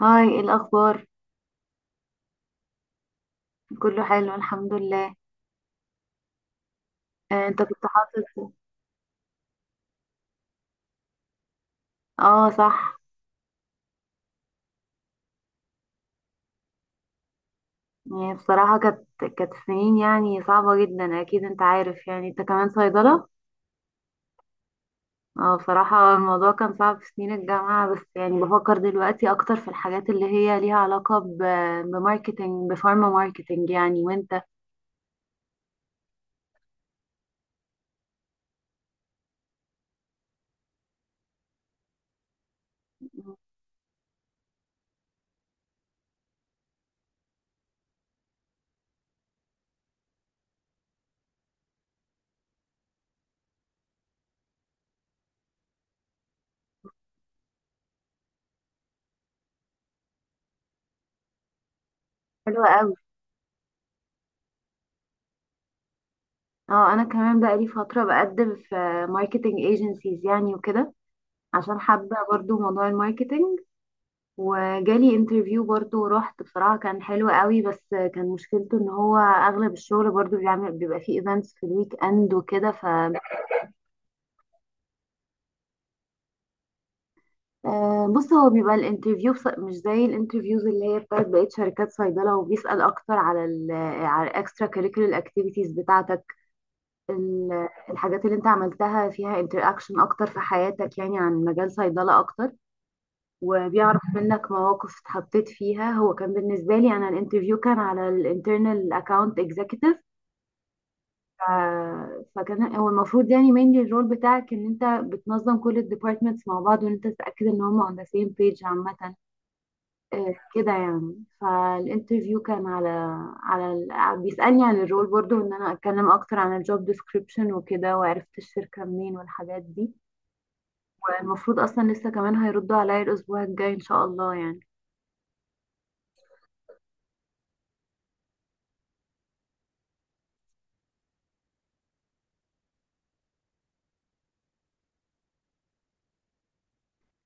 هاي، إيه الأخبار؟ كله حلو الحمد لله. آه، انت كنت حاطط. اه صح. يعني بصراحة كانت سنين يعني صعبة جدا، اكيد انت عارف يعني، انت كمان صيدلة. اه بصراحة الموضوع كان صعب في سنين الجامعة، بس يعني بفكر دلوقتي اكتر في الحاجات اللي هي ليها علاقة بماركتينج، بفارما ماركتينج يعني. وانت؟ حلوة قوي. اه انا كمان بقالي فترة بقدم في ماركتينج ايجنسيز يعني وكده، عشان حابة برضو موضوع الماركتينج. وجالي انترفيو برضو ورحت، بصراحة كان حلو قوي، بس كان مشكلته ان هو اغلب الشغل برضو بيعمل، بيبقى فيه ايفنتس في الويك اند وكده. ف آه، بص هو بيبقى الانترفيو مش زي الانترفيوز اللي هي بتاعت بقية شركات صيدلة، وبيسأل اكتر على على الاكسترا كاريكولر اكتيفيتيز بتاعتك، الحاجات اللي انت عملتها فيها انتر اكشن اكتر في حياتك يعني عن مجال صيدلة اكتر، وبيعرف منك مواقف اتحطيت فيها. هو كان بالنسبة لي أنا الانترفيو كان على الانترنال اكاونت اكزيكتيف، فكان هو المفروض يعني mainly الرول بتاعك ان انت بتنظم كل الديبارتمنتس مع بعض، وان انت تتأكد ان هم on the same page عامة. آه، كده يعني. فالانترفيو كان على بيسألني عن الرول برضو ان انا اتكلم اكتر عن الجوب ديسكريبشن وكده، وعرفت الشركة منين والحاجات دي. المفروض اصلا لسه كمان هيردوا عليا الاسبوع الجاي ان شاء الله يعني.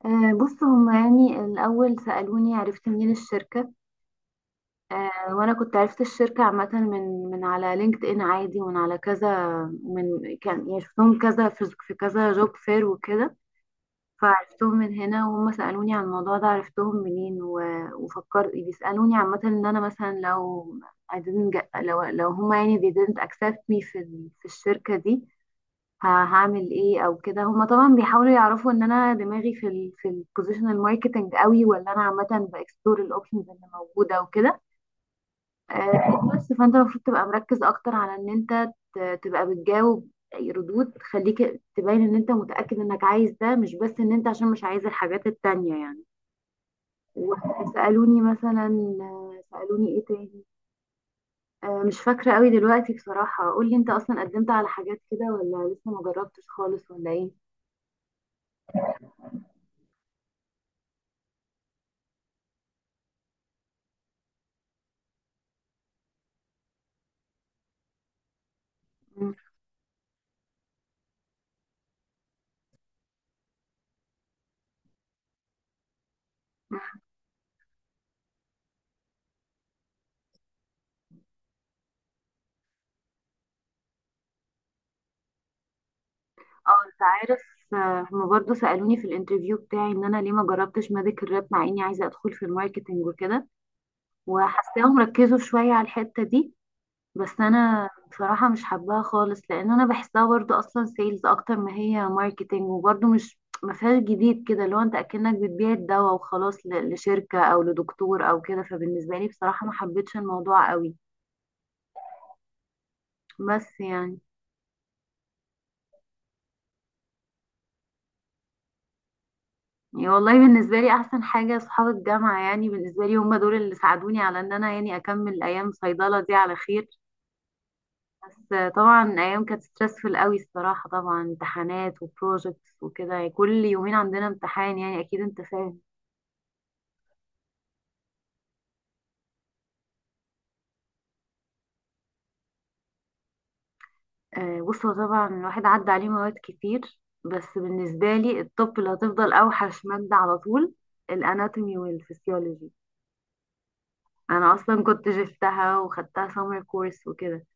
آه، بص هما يعني الأول سألوني عرفت منين الشركة. آه، وأنا كنت عرفت الشركة عامة من على لينكد إن عادي، ومن على كذا، من كان يعني شفتهم كذا في في كذا جوب فير وكده. فعرفتهم من هنا، وهم سألوني عن الموضوع ده عرفتهم منين، وفكرت بيسألوني عامة إن أنا مثلا لو I didn't get، لو هما يعني they didn't accept me في في الشركة دي، هعمل ايه او كده. هما طبعا بيحاولوا يعرفوا ان انا دماغي في في البوزيشنال ماركتنج قوي، ولا انا عامه باكسبلور الاوبشنز اللي موجوده وكده. آه، بس فانت المفروض تبقى مركز اكتر على ان انت تبقى بتجاوب ردود تخليك تبين ان انت متاكد انك عايز ده، مش بس ان انت عشان مش عايز الحاجات التانية يعني. وسالوني مثلا، آه، سالوني ايه تاني. آه، مش فاكره قوي دلوقتي بصراحه. قول لي انت اصلا قدمت على حاجات كده، ولا لسه ما جربتش خالص، ولا ايه؟ اه انت عارف. آه، هما برضه سألوني في الانترفيو بتاعي ان انا ليه ما جربتش ميديكال راب مع اني عايزة ادخل في الماركتينج وكده، وحاساهم ركزوا شوية على الحتة دي. بس انا بصراحة مش حباها خالص، لان انا بحسها برضه اصلا سيلز اكتر ما هي ماركتينج، وبرضه مش ما فيهاش جديد كده، اللي هو انت اكنك بتبيع الدواء وخلاص، لشركة او لدكتور او كده. فبالنسبة لي بصراحة ما حبيتش الموضوع قوي، بس يعني. يعني والله بالنسبة لي أحسن حاجة أصحاب الجامعة، يعني بالنسبة لي هم دول اللي ساعدوني على إن أنا يعني أكمل أيام صيدلة دي على خير. بس طبعا أيام كانت ستريسفul قوي الصراحة، طبعا امتحانات وبروجكتس وكده، يعني كل يومين عندنا امتحان يعني، أكيد أنت فاهم. آه، بص هو طبعا الواحد عدى عليه مواد كتير، بس بالنسبة لي الطب اللي هتفضل أوحش مادة على طول، الأناتومي والفسيولوجي. أنا أصلا كنت جبتها وخدتها سمر كورس وكده،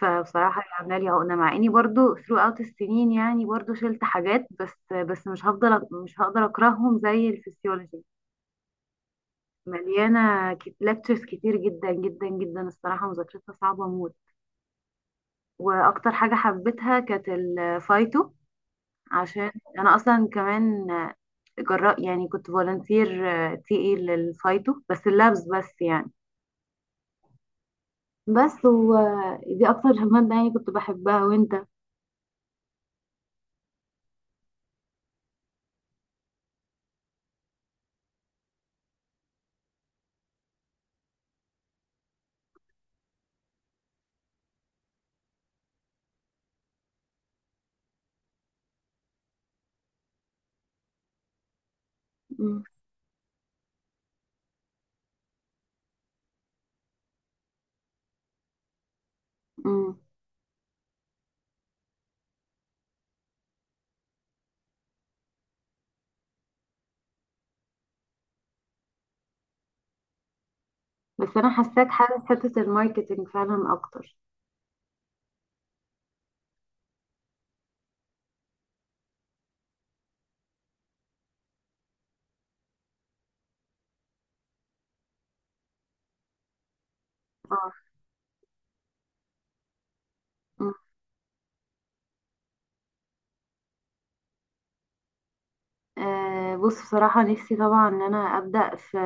فبصراحة هي عاملة لي عقدة. مع اني برضو throughout السنين يعني برضو شلت حاجات، بس مش هفضل، مش هقدر اكرههم زي الفسيولوجي. مليانة لكتشرز كتير جدا جدا جدا الصراحة، مذاكرتها صعبة موت. واكتر حاجة حبيتها كانت الفايتو، عشان انا اصلا كمان جراء يعني كنت فولنتير تي اي للفايتو، بس اللابس بس يعني. بس ودي اكتر مادة يعني كنت بحبها. وانت؟ مم. مم. بس انا حاساك حاسس حته الماركتينج فعلا اكتر. اه. أمم. آه، بص بصراحه نفسي طبعا ان انا ابدا في،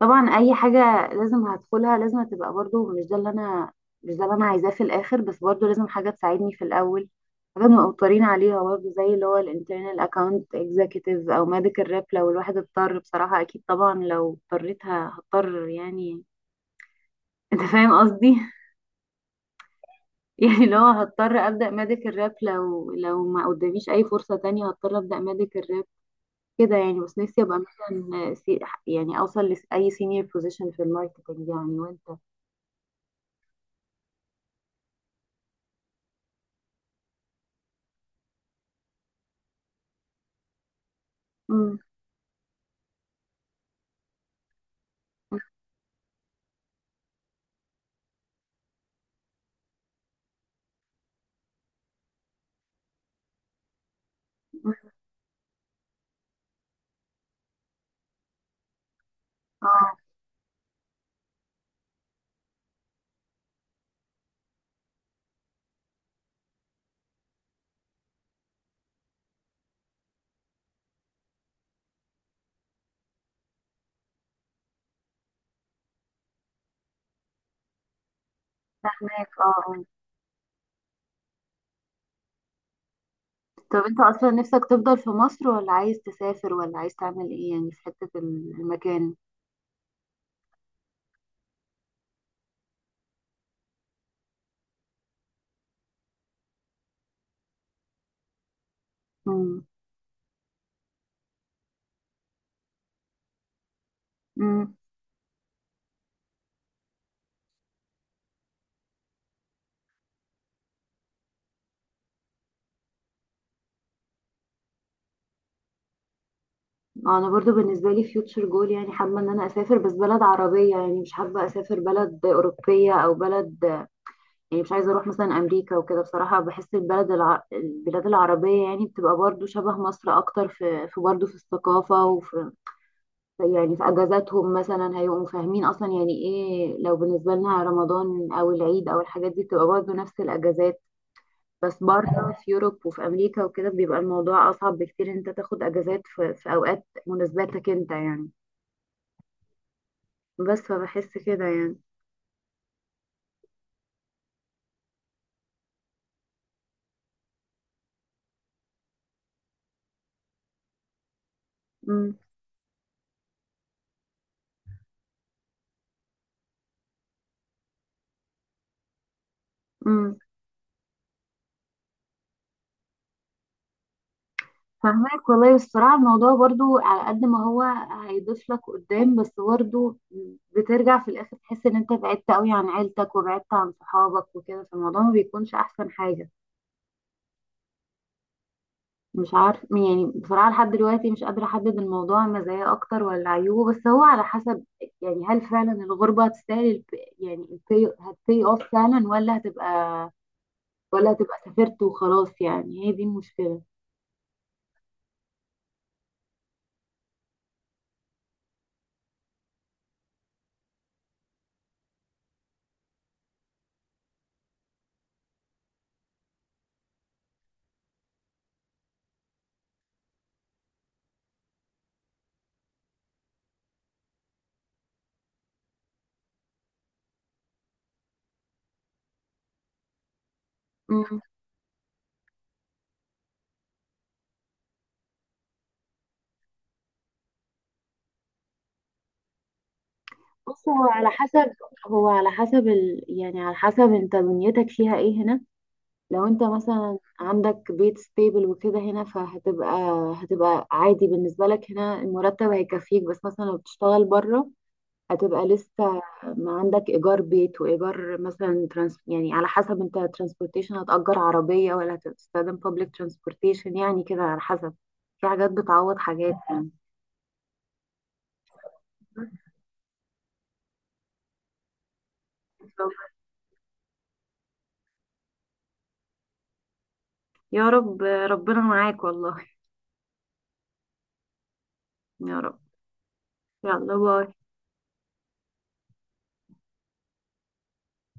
طبعا اي حاجه لازم هدخلها لازم تبقى برضو مش ده اللي انا، مش ده اللي انا عايزاه في الاخر، بس برضو لازم حاجه تساعدني في الاول، حاجه مقطرين عليها برضو، زي اللي هو الانترنال اكاونت اكزيكتيف او ميديكال ريب لو الواحد اضطر. بصراحه اكيد طبعا لو اضطريت هضطر يعني، انت فاهم قصدي. يعني لو هضطر ابدا ميديكال راب، لو ما قداميش اي فرصه تانية هضطر ابدا ميديكال راب كده يعني. بس نفسي ابقى مثلا سي... يعني اوصل لاي سينيور بوزيشن في الماركتنج يعني. وانت؟ مم. مم. اه فاهمك اه. طب انت اصلا نفسك تفضل في مصر، ولا عايز تسافر، ولا عايز تعمل ايه يعني في حته المكان؟ مم. مم. انا برضو بالنسبه لي فيوتشر جول يعني حابه ان انا اسافر، بس بلد عربيه يعني، مش حابه اسافر بلد اوروبيه او بلد، يعني مش عايزة اروح مثلا امريكا وكده. بصراحة بحس البلد الع... البلاد العربية يعني بتبقى برضو شبه مصر اكتر في في برضو في الثقافة وفي، يعني في اجازاتهم مثلا هيبقوا فاهمين اصلا يعني ايه، لو بالنسبة لنا رمضان او العيد او الحاجات دي بتبقى برضو نفس الاجازات. بس بره في يوروب وفي امريكا وكده بيبقى الموضوع اصعب بكتير إن انت تاخد اجازات في، في اوقات مناسباتك انت يعني. بس فبحس كده يعني. امم. فهمك والله. الصراحة الموضوع برضو على قد ما هو هيضيف لك قدام، بس برضو بترجع في الآخر تحس إن أنت بعدت قوي عن عيلتك، وبعدت عن صحابك وكده، فالموضوع ما بيكونش أحسن حاجة. مش عارف يعني بصراحة لحد دلوقتي مش قادرة أحدد الموضوع مزايا أكتر ولا عيوبه، بس هو على حسب، يعني هل فعلا الغربة هتستاهل يعني البي هتبي أوف فعلا، ولا هتبقى، ولا هتبقى سافرت وخلاص؟ يعني هي دي المشكلة. بص هو على حسب، هو على حسب ال... يعني على حسب انت دنيتك فيها ايه هنا. لو انت مثلا عندك بيت ستيبل وكده هنا، فهتبقى، هتبقى عادي بالنسبة لك، هنا المرتب هيكفيك. بس مثلا لو بتشتغل بره، هتبقى لسه ما عندك ايجار بيت وايجار مثلا ترانس... يعني على حسب انت ترانسبورتيشن، هتأجر عربية ولا هتستخدم بابليك ترانسبورتيشن يعني، كده على حسب. في حاجات بتعوض حاجات يعني. يا رب ربنا معاك والله. يا رب. يلا باي.